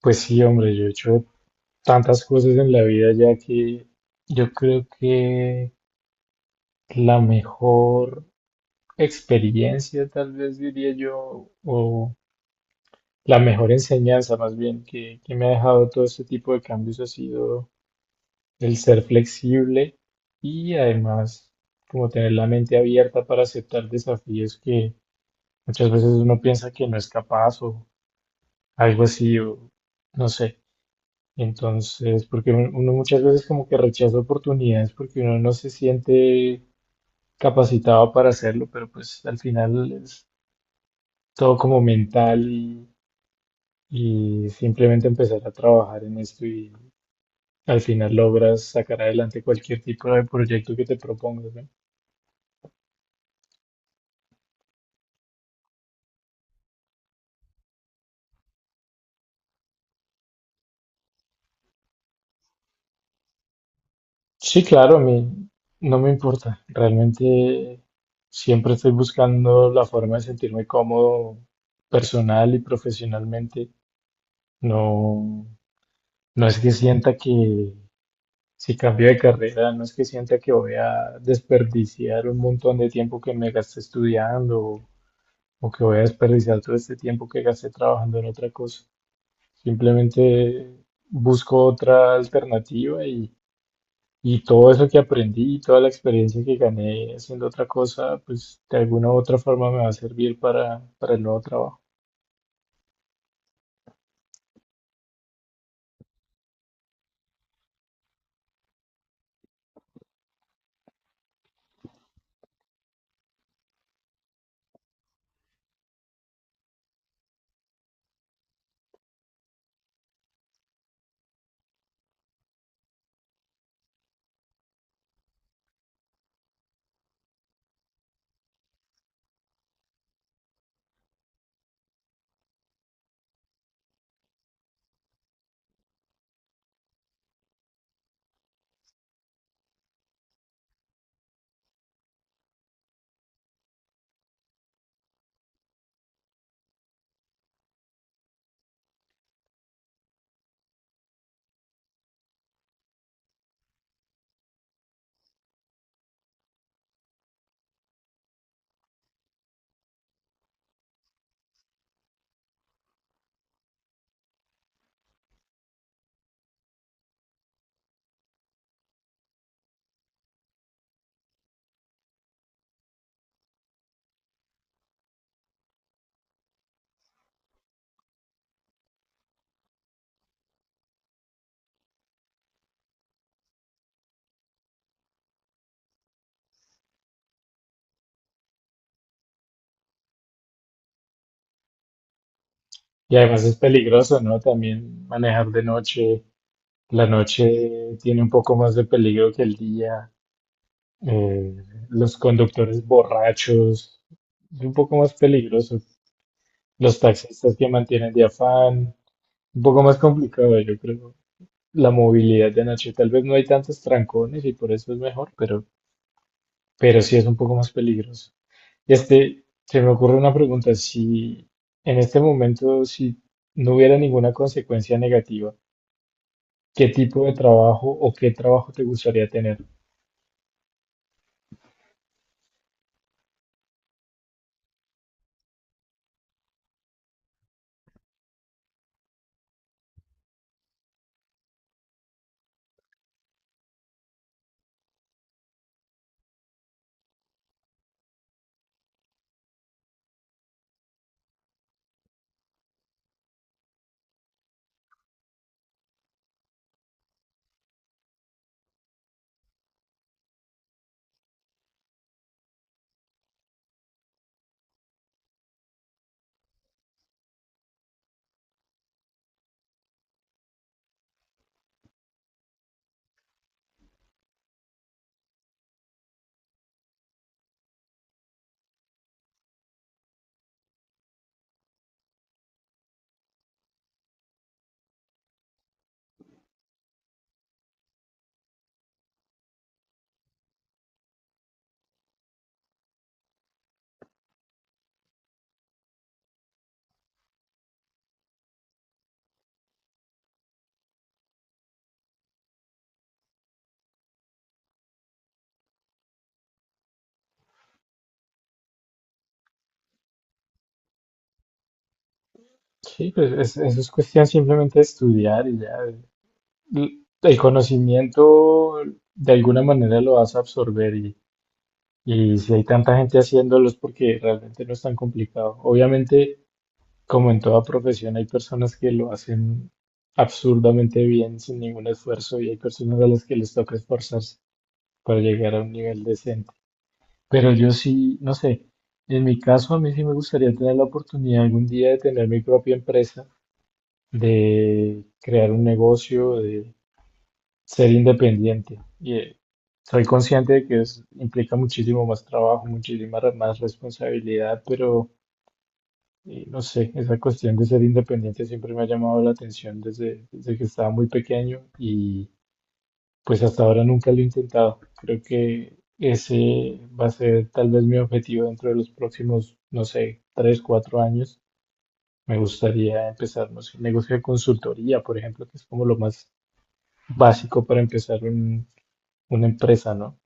Pues sí, hombre, yo he hecho tantas cosas en la vida ya que yo creo que la mejor experiencia, tal vez diría yo, o la mejor enseñanza más bien que me ha dejado todo este tipo de cambios ha sido el ser flexible y además como tener la mente abierta para aceptar desafíos que muchas veces uno piensa que no es capaz o algo así, o no sé. Entonces, porque uno muchas veces como que rechaza oportunidades porque uno no se siente capacitado para hacerlo, pero pues al final es todo como mental y simplemente empezar a trabajar en esto y al final logras sacar adelante cualquier tipo de proyecto que te propongas, ¿no? Sí, claro, a mí no me importa. Realmente siempre estoy buscando la forma de sentirme cómodo personal y profesionalmente. No, no es que sienta que si cambio de carrera, no es que sienta que voy a desperdiciar un montón de tiempo que me gasté estudiando o que voy a desperdiciar todo este tiempo que gasté trabajando en otra cosa. Simplemente busco otra alternativa y todo eso que aprendí y toda la experiencia que gané haciendo otra cosa, pues de alguna u otra forma me va a servir para el nuevo trabajo. Y además es peligroso, ¿no? También manejar de noche. La noche tiene un poco más de peligro que el día. eh, los conductores borrachos, es un poco más peligroso. Los taxistas que mantienen de afán, un poco más complicado, yo creo. La movilidad de noche, tal vez no hay tantos trancones y por eso es mejor, pero sí es un poco más peligroso. Este, se me ocurre una pregunta, si en este momento, si no hubiera ninguna consecuencia negativa, ¿qué tipo de trabajo o qué trabajo te gustaría tener? Sí, pues eso es cuestión simplemente de estudiar y ya. El conocimiento de alguna manera lo vas a absorber y si hay tanta gente haciéndolo es porque realmente no es tan complicado. Obviamente, como en toda profesión, hay personas que lo hacen absurdamente bien sin ningún esfuerzo y hay personas a las que les toca esforzarse para llegar a un nivel decente. Pero yo sí, no sé, en mi caso a mí sí me gustaría tener la oportunidad algún día de tener mi propia empresa de crear un negocio, de ser independiente. Y soy consciente de que implica muchísimo más trabajo, muchísima más responsabilidad, pero no sé, esa cuestión de ser independiente siempre me ha llamado la atención desde que estaba muy pequeño y pues hasta ahora nunca lo he intentado. Creo que ese va a ser tal vez mi objetivo dentro de los próximos, no sé, 3, 4 años. Me gustaría empezar, no sé, un negocio de consultoría, por ejemplo, que es como lo más básico para una empresa, ¿no?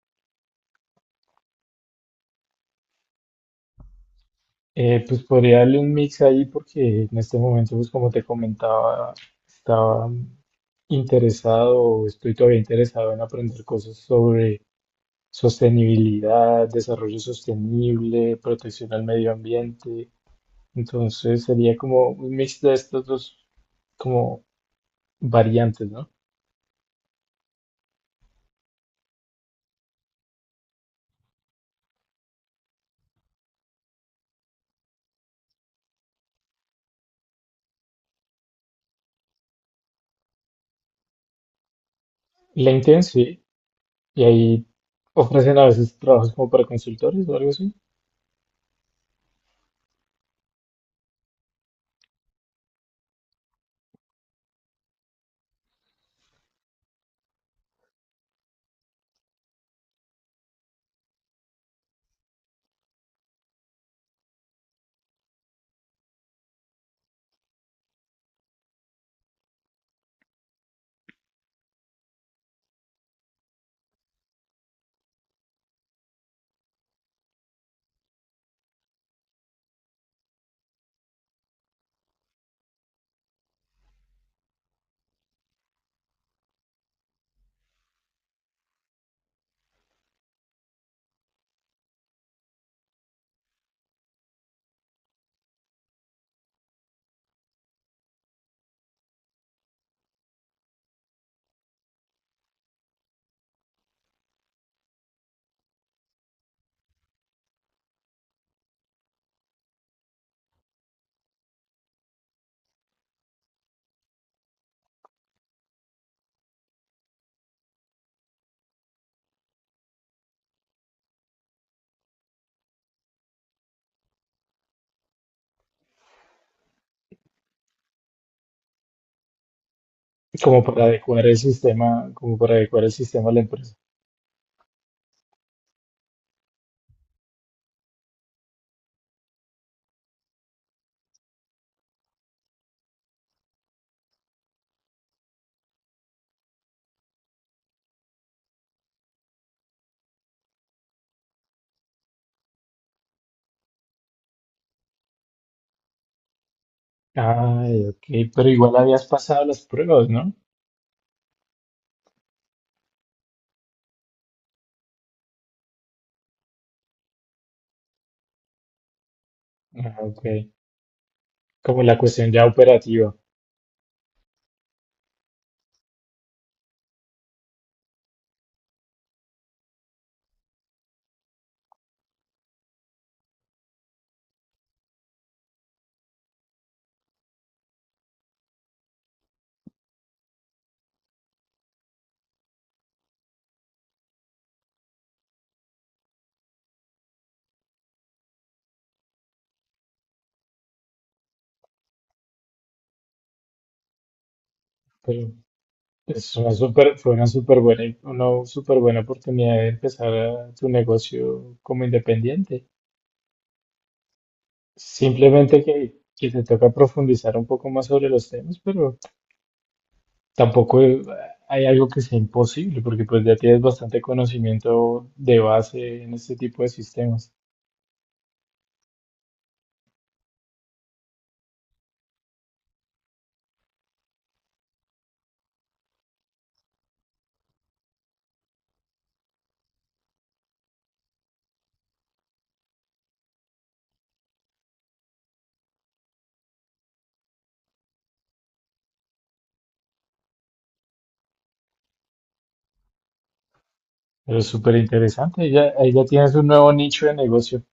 Pues podría darle un mix ahí porque en este momento, pues como te comentaba, estaba interesado o estoy todavía interesado en aprender cosas sobre sostenibilidad, desarrollo sostenible, protección al medio ambiente. Entonces sería como un mix de estos dos como variantes, ¿no? La intención, sí, y ahí ofrecen a veces trabajos como para consultores o algo así. Como para adecuar el sistema, como para adecuar el sistema a la empresa. Ay, ok, pero igual habías pasado las pruebas, ¿no? Ah, ok, como la cuestión ya operativa, pero es una súper, fue una súper buena oportunidad de tu negocio como independiente. Simplemente que te toca profundizar un poco más sobre los temas, pero tampoco hay algo que sea imposible, porque pues ya tienes bastante conocimiento de base en este tipo de sistemas. Pero es súper interesante. Ya, ahí ya tienes un nuevo nicho de negocio.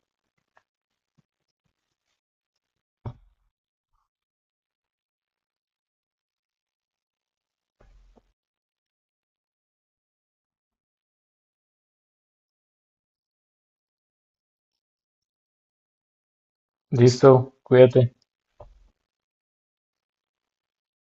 Listo, cuídate.